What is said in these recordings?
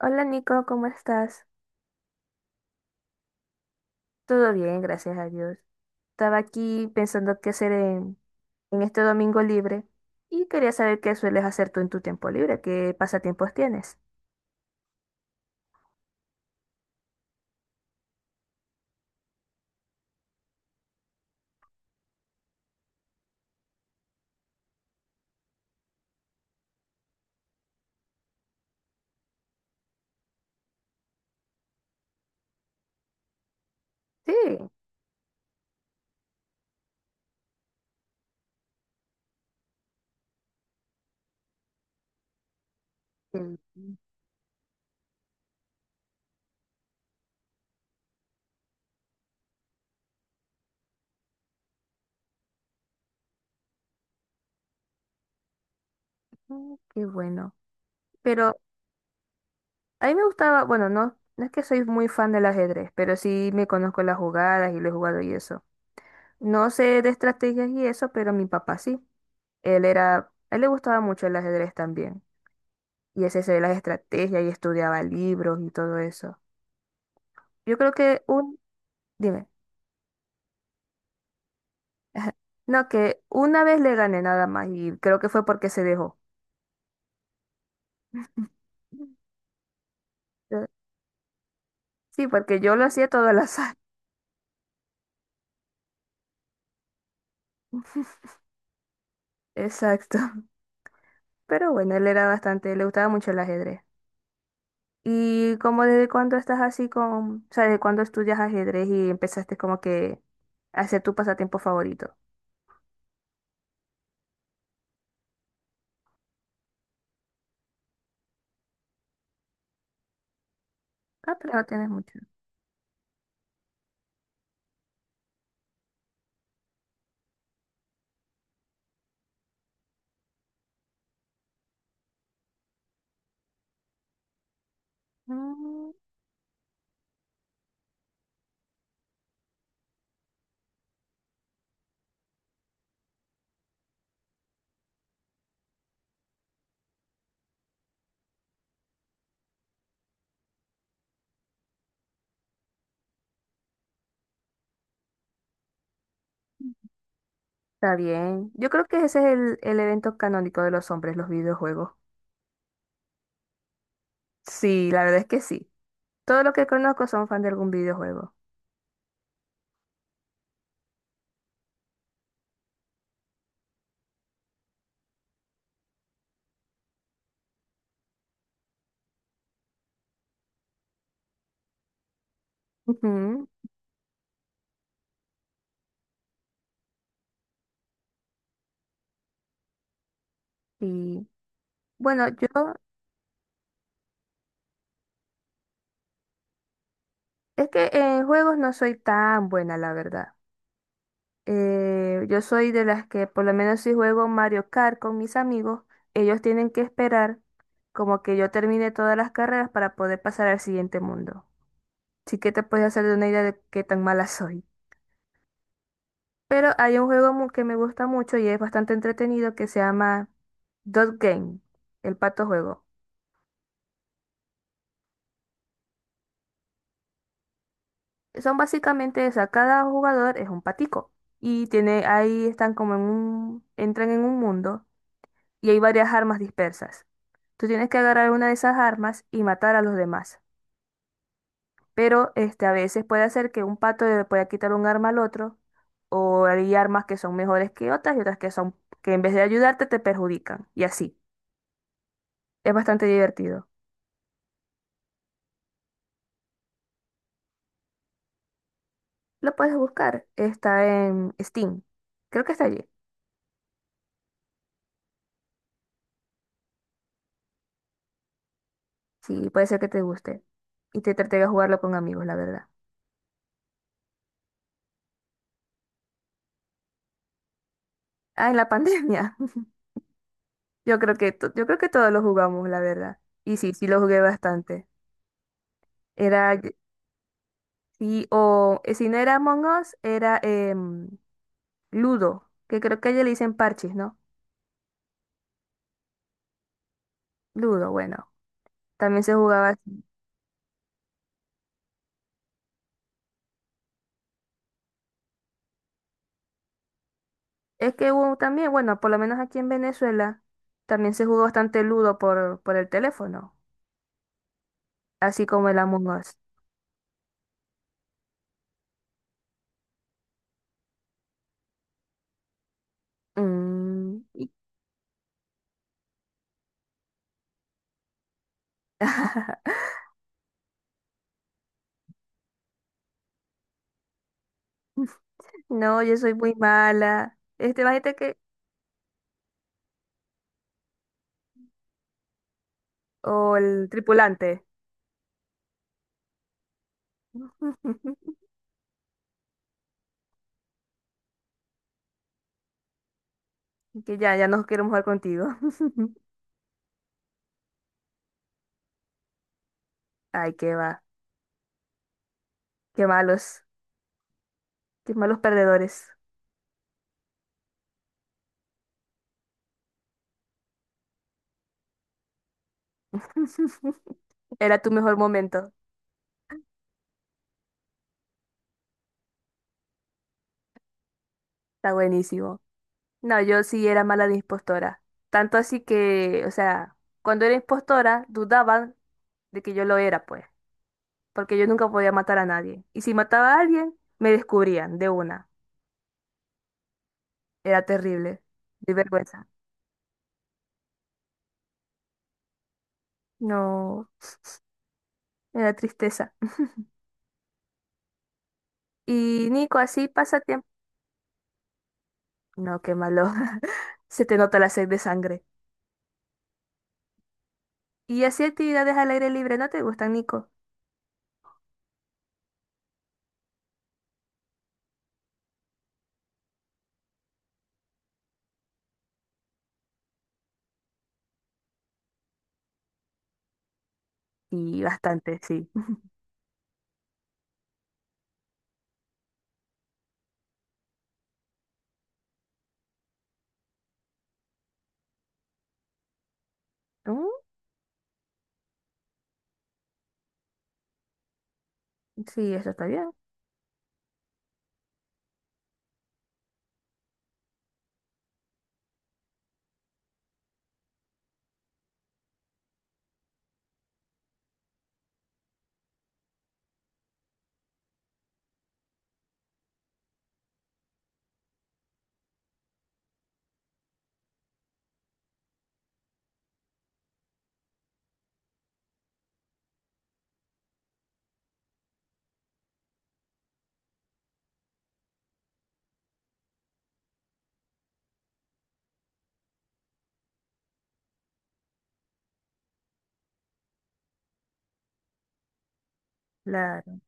Hola Nico, ¿cómo estás? Todo bien, gracias a Dios. Estaba aquí pensando qué hacer en este domingo libre y quería saber qué sueles hacer tú en tu tiempo libre, qué pasatiempos tienes. Sí, el- mm, qué bueno. Pero a mí me gustaba, bueno, no, no es que soy muy fan del ajedrez, pero sí me conozco las jugadas y lo he jugado y eso. No sé de estrategias y eso, pero mi papá sí. Él era, a él le gustaba mucho el ajedrez también. Y ese se las estrategias y estudiaba libros y todo eso. Yo creo que un, dime, no, que una vez le gané nada más y creo que fue porque se dejó. Eh, Sí, porque yo lo hacía todo al azar. Exacto. Pero bueno, él era bastante, le gustaba mucho el ajedrez. ¿Y como desde cuándo estás así con, o sea, desde cuándo estudias ajedrez y empezaste como que a hacer tu pasatiempo favorito? Ah, pero no tienes mucho. Mm. Está bien. Yo creo que ese es el evento canónico de los hombres, los videojuegos. Sí, la verdad es que sí. Todo lo que conozco son fan de algún videojuego. Ujú. Y bueno, yo es que en juegos no soy tan buena, la verdad. Yo soy de las que, por lo menos si juego Mario Kart con mis amigos, ellos tienen que esperar como que yo termine todas las carreras para poder pasar al siguiente mundo. Así que te puedes hacer de una idea de qué tan mala soy. Pero hay un que me gusta mucho y es bastante entretenido que se llama Dot Game, el pato juego. Son básicamente, o sea, cada jugador es un patico y tiene, ahí están como en un, entran en un mundo y hay varias armas dispersas. Tú tienes que agarrar una de esas armas y matar a los demás. Pero este, a veces puede hacer que un pato le pueda quitar un arma al otro o hay armas que son mejores que otras y otras que son, que en vez de ayudarte te perjudican y así. Es bastante divertido. Lo puedes buscar, está en Steam. Creo que está allí. Sí, puede ser que te guste y te trate de jugarlo con amigos, la verdad. Ah, en la pandemia. Yo creo que yo creo que todos lo jugamos, la verdad. Y sí, sí lo jugué bastante. Era sí, o si no era Among Us, era em, Ludo, que creo que ya le dicen parches, ¿no? Ludo, bueno, también se jugaba. Así. Es que hubo también, bueno, por lo menos aquí en Venezuela, también se jugó bastante Ludo por el teléfono, así como el Among Us. Mm, y- no, yo soy muy mala. Este, imagínate que. O el tripulante. Que ya, ya no queremos jugar contigo. Ay, qué va. Qué malos. Qué malos perdedores. Era tu mejor momento. Está buenísimo. No, yo sí era mala de impostora. Tanto así que, o sea, cuando era impostora, dudaban de que yo lo era, pues. Porque yo nunca podía matar a nadie. Y si mataba a alguien, me descubrían de una. Era terrible. De vergüenza. No, era tristeza. Y Nico, así pasa tiempo. No, qué malo. Se te nota la sed de sangre. ¿Y así actividades al aire libre no te gustan, Nico? Y bastante, sí. Mm. Sí, eso está bien, claro.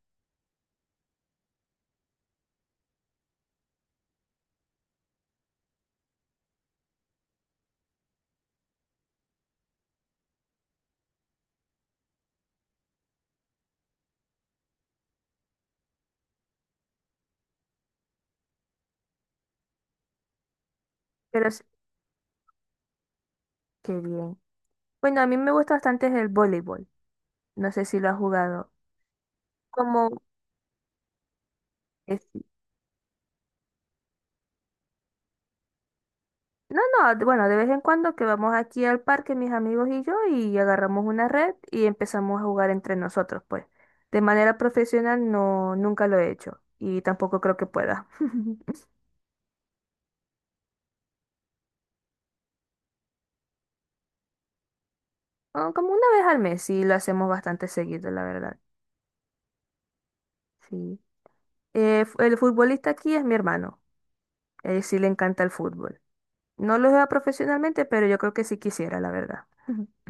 Pero sí, qué bien. Bueno, a mí me gusta bastante el voleibol. No sé si lo has jugado. Como es- no, no, bueno, de vez en cuando que vamos aquí al parque, mis amigos y yo, y agarramos una red y empezamos a jugar entre nosotros, pues. De manera profesional no, nunca lo he hecho. Y tampoco creo que pueda. Ah, como una vez al mes, sí, lo hacemos bastante seguido, la verdad. Sí. El futbolista aquí es mi hermano. Él sí le encanta el fútbol. No lo juega profesionalmente, pero yo creo que sí quisiera, la verdad.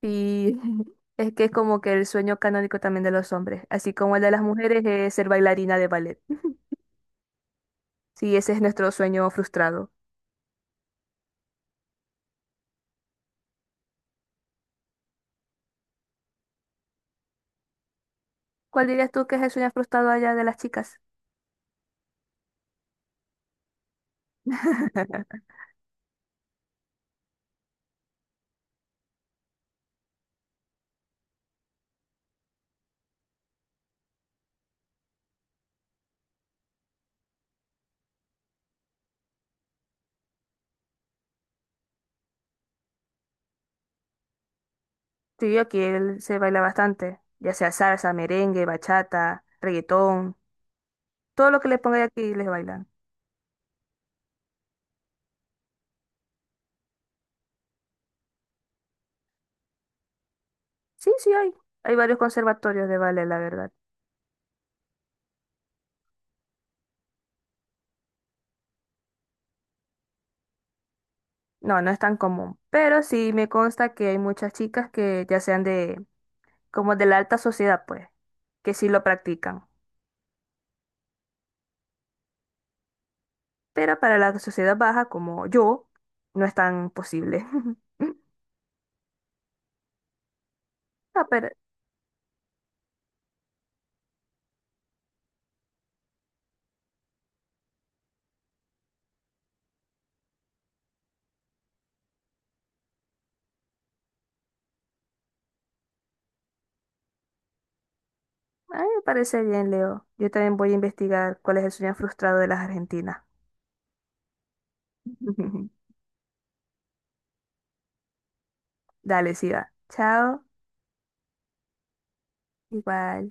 Y es que es como que el sueño canónico también de los hombres, así como el de las mujeres es ser bailarina de ballet. Sí, ese es nuestro sueño frustrado. ¿Cuál dirías tú que es el sueño frustrado allá de las chicas? Sí, aquí él se baila bastante, ya sea salsa, merengue, bachata, reggaetón, todo lo que le ponga aquí les bailan. Sí, sí hay. Hay varios conservatorios de ballet, la verdad. No, no es tan común, pero sí me consta que hay muchas chicas que ya sean de, como de la alta sociedad, pues, que sí lo practican. Pero para la sociedad baja, como yo, no es tan posible. No, pero a mí me parece bien, Leo. Yo también voy a investigar cuál es el sueño frustrado de las argentinas. Dale, sí va. Chao. Igual.